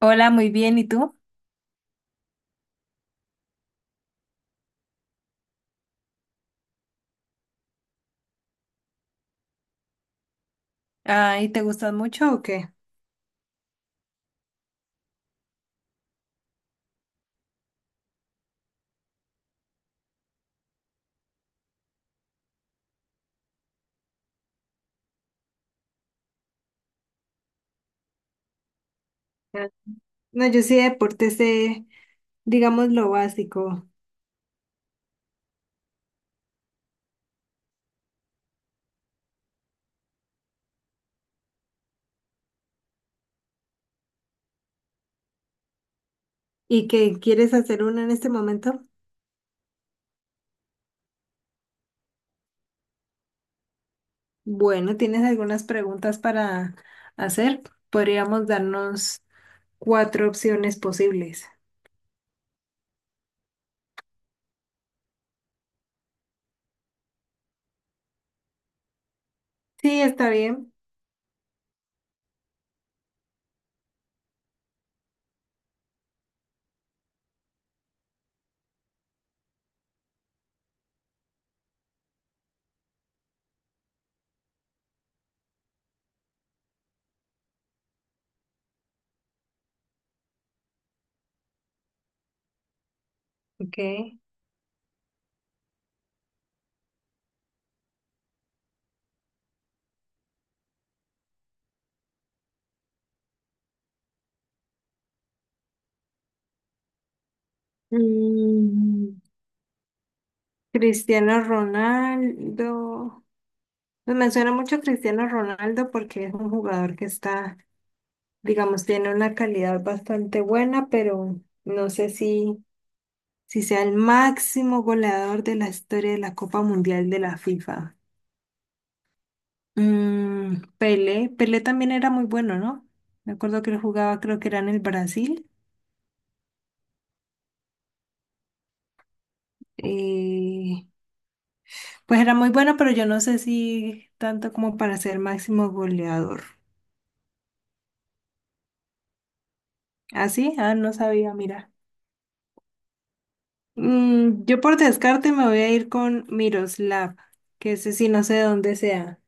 Hola, muy bien. ¿Y tú? Ah, ¿y te gustan mucho o qué? Ah, no, yo sí de deportes sé, digamos, lo básico. ¿Y qué quieres hacer uno en este momento? Bueno, ¿tienes algunas preguntas para hacer? Podríamos darnos cuatro opciones posibles. Sí, está bien. Ok. Mm, Cristiano Ronaldo. Pues me suena mucho Cristiano Ronaldo porque es un jugador que está, digamos, tiene una calidad bastante buena, pero no sé si sea el máximo goleador de la historia de la Copa Mundial de la FIFA. Pelé, Pelé también era muy bueno, ¿no? Me acuerdo que él jugaba, creo que era en el Brasil. Eh, pues era muy bueno, pero yo no sé si tanto como para ser máximo goleador. ¿Ah, sí? Ah, no sabía, mira. Yo por descarte me voy a ir con Miroslav, que ese sí no sé de dónde sea.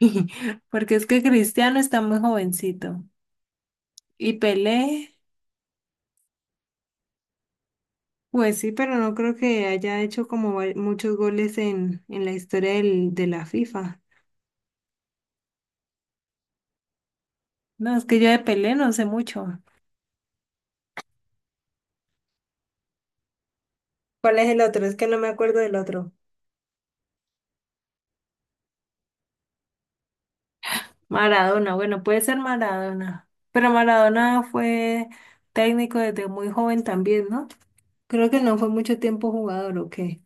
Porque es que Cristiano está muy jovencito. Y Pelé, pues sí, pero no creo que haya hecho como muchos goles en la historia de la FIFA. No, es que yo de Pelé no sé mucho. ¿Cuál es el otro? Es que no me acuerdo del otro. Maradona, bueno, puede ser Maradona. Pero Maradona fue técnico desde muy joven también, ¿no? Creo que no fue mucho tiempo jugador, ¿o qué?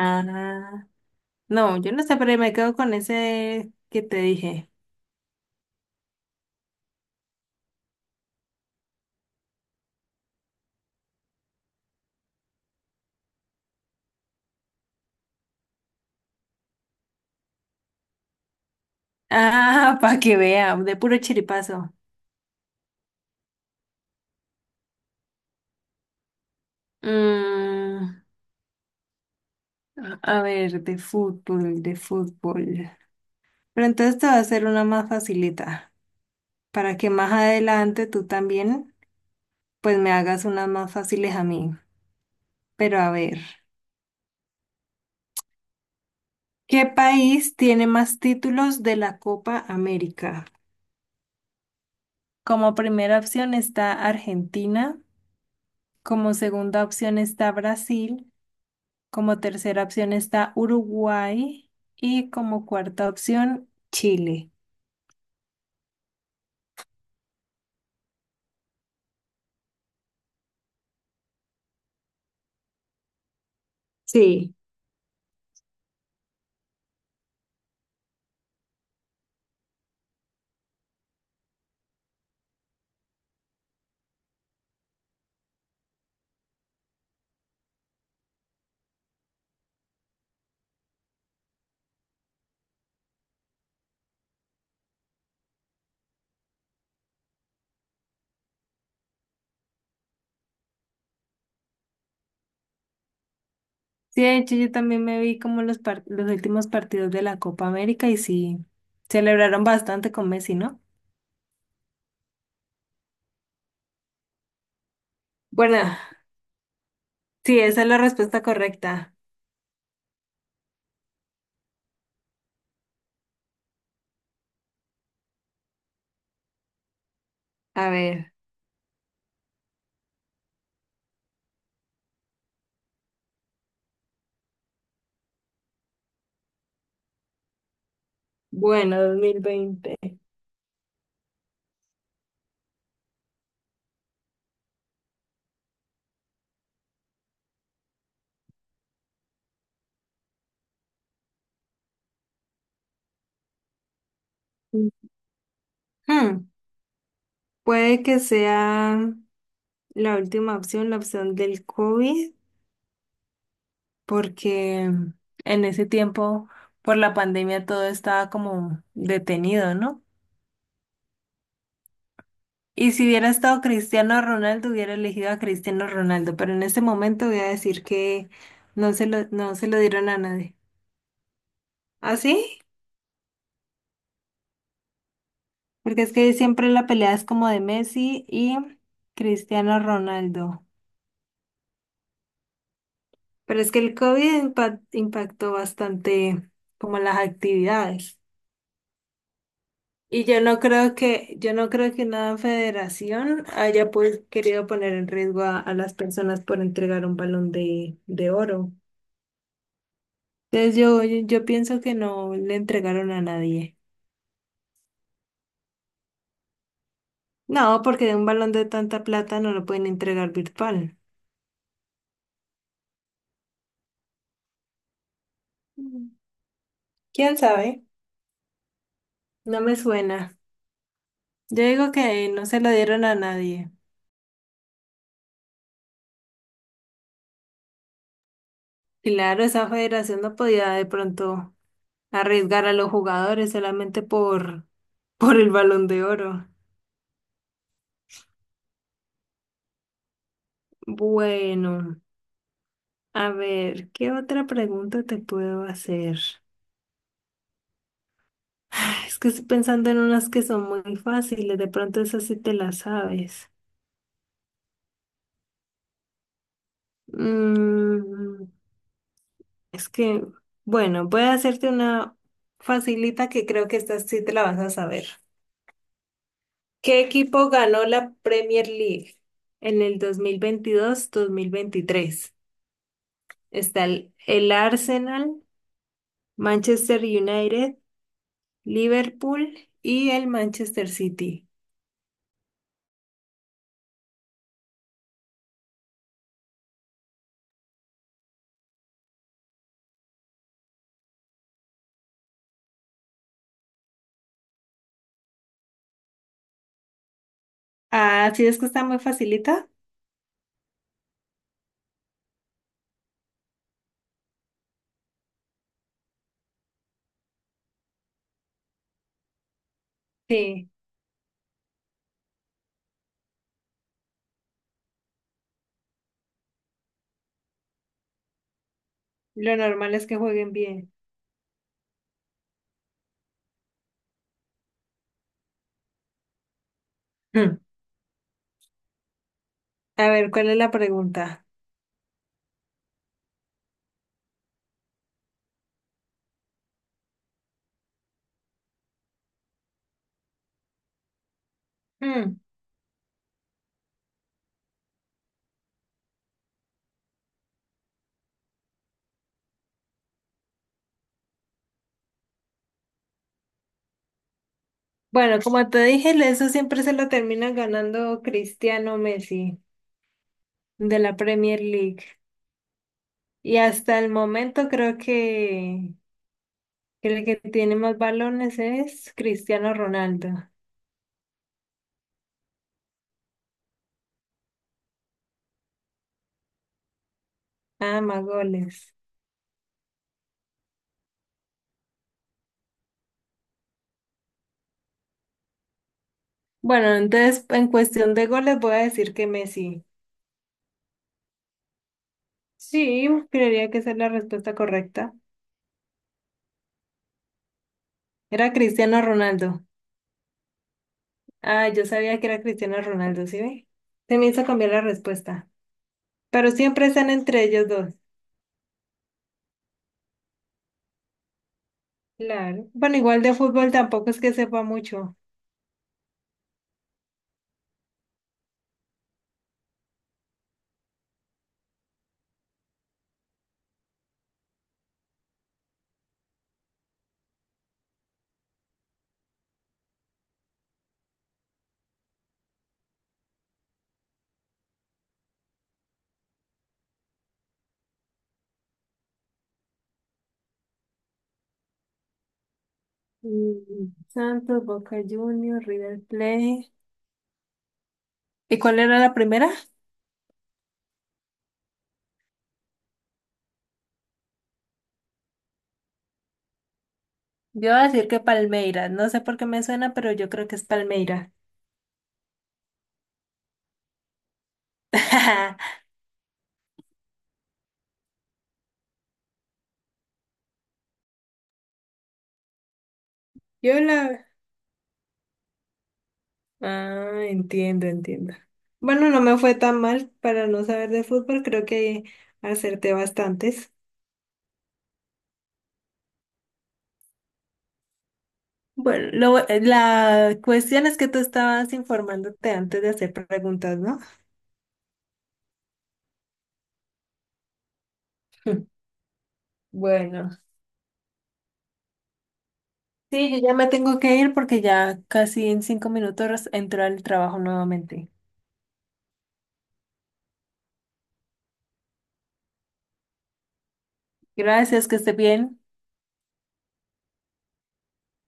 Ah, no, yo no sé, pero me quedo con ese que te dije. Ah, para que vea, de puro chiripazo. Mm, a ver, de fútbol, de fútbol. Pero entonces te va a hacer una más facilita, para que más adelante tú también, pues me hagas unas más fáciles a mí. Pero a ver, ¿qué país tiene más títulos de la Copa América? Como primera opción está Argentina, como segunda opción está Brasil. Como tercera opción está Uruguay y como cuarta opción Chile. Sí. Sí, de hecho yo también me vi como los últimos partidos de la Copa América y sí, celebraron bastante con Messi, ¿no? Bueno, sí, esa es la respuesta correcta. A ver. Bueno, 2020. Hmm, puede que sea la última opción, la opción del COVID, porque en ese tiempo, por la pandemia, todo estaba como detenido, ¿no? Y si hubiera estado Cristiano Ronaldo, hubiera elegido a Cristiano Ronaldo, pero en este momento voy a decir que no se lo dieron a nadie. ¿Ah, sí? Porque es que siempre la pelea es como de Messi y Cristiano Ronaldo. Pero es que el COVID impactó bastante como las actividades. Y yo no creo que una federación haya pues querido poner en riesgo a las personas por entregar un balón de oro. Entonces yo pienso que no le entregaron a nadie. No, porque de un balón de tanta plata no lo pueden entregar virtual. Mm. ¿Quién sabe? No me suena. Yo digo que no se lo dieron a nadie. Claro, esa federación no podía de pronto arriesgar a los jugadores solamente por, por el balón de oro. Bueno. A ver, ¿qué otra pregunta te puedo hacer? Ah, es que estoy pensando en unas que son muy fáciles, de pronto esas sí te las sabes. Mm, es que, bueno, voy a hacerte una facilita que creo que esta sí te la vas a saber. ¿Qué equipo ganó la Premier League en el 2022-2023? Está el Arsenal, Manchester United, Liverpool y el Manchester City. Ah, sí, es que está muy facilita. Sí, lo normal es que jueguen bien. Mm. A ver, ¿cuál es la pregunta? Mm. Bueno, como te dije, eso siempre se lo termina ganando Cristiano Messi de la Premier League. Y hasta el momento creo que el que tiene más balones es Cristiano Ronaldo. Ah, más goles. Bueno, entonces en cuestión de goles voy a decir que Messi. Sí, creería que esa es la respuesta correcta. Era Cristiano Ronaldo. Ah, yo sabía que era Cristiano Ronaldo, ¿sí ve? Se me hizo cambiar la respuesta. Pero siempre están entre ellos dos. Claro. Bueno, igual de fútbol tampoco es que sepa mucho. Santos, Boca Juniors, River Plate. ¿Y cuál era la primera? Yo iba a decir que Palmeiras. No sé por qué me suena, pero yo creo que es Palmeiras. Yo la... Ah, entiendo, entiendo. Bueno, no me fue tan mal para no saber de fútbol. Creo que acerté bastantes. Bueno, la cuestión es que tú estabas informándote antes de hacer preguntas, ¿no? Bueno, sí, yo ya me tengo que ir porque ya casi en 5 minutos entro al trabajo nuevamente. Gracias, que esté bien.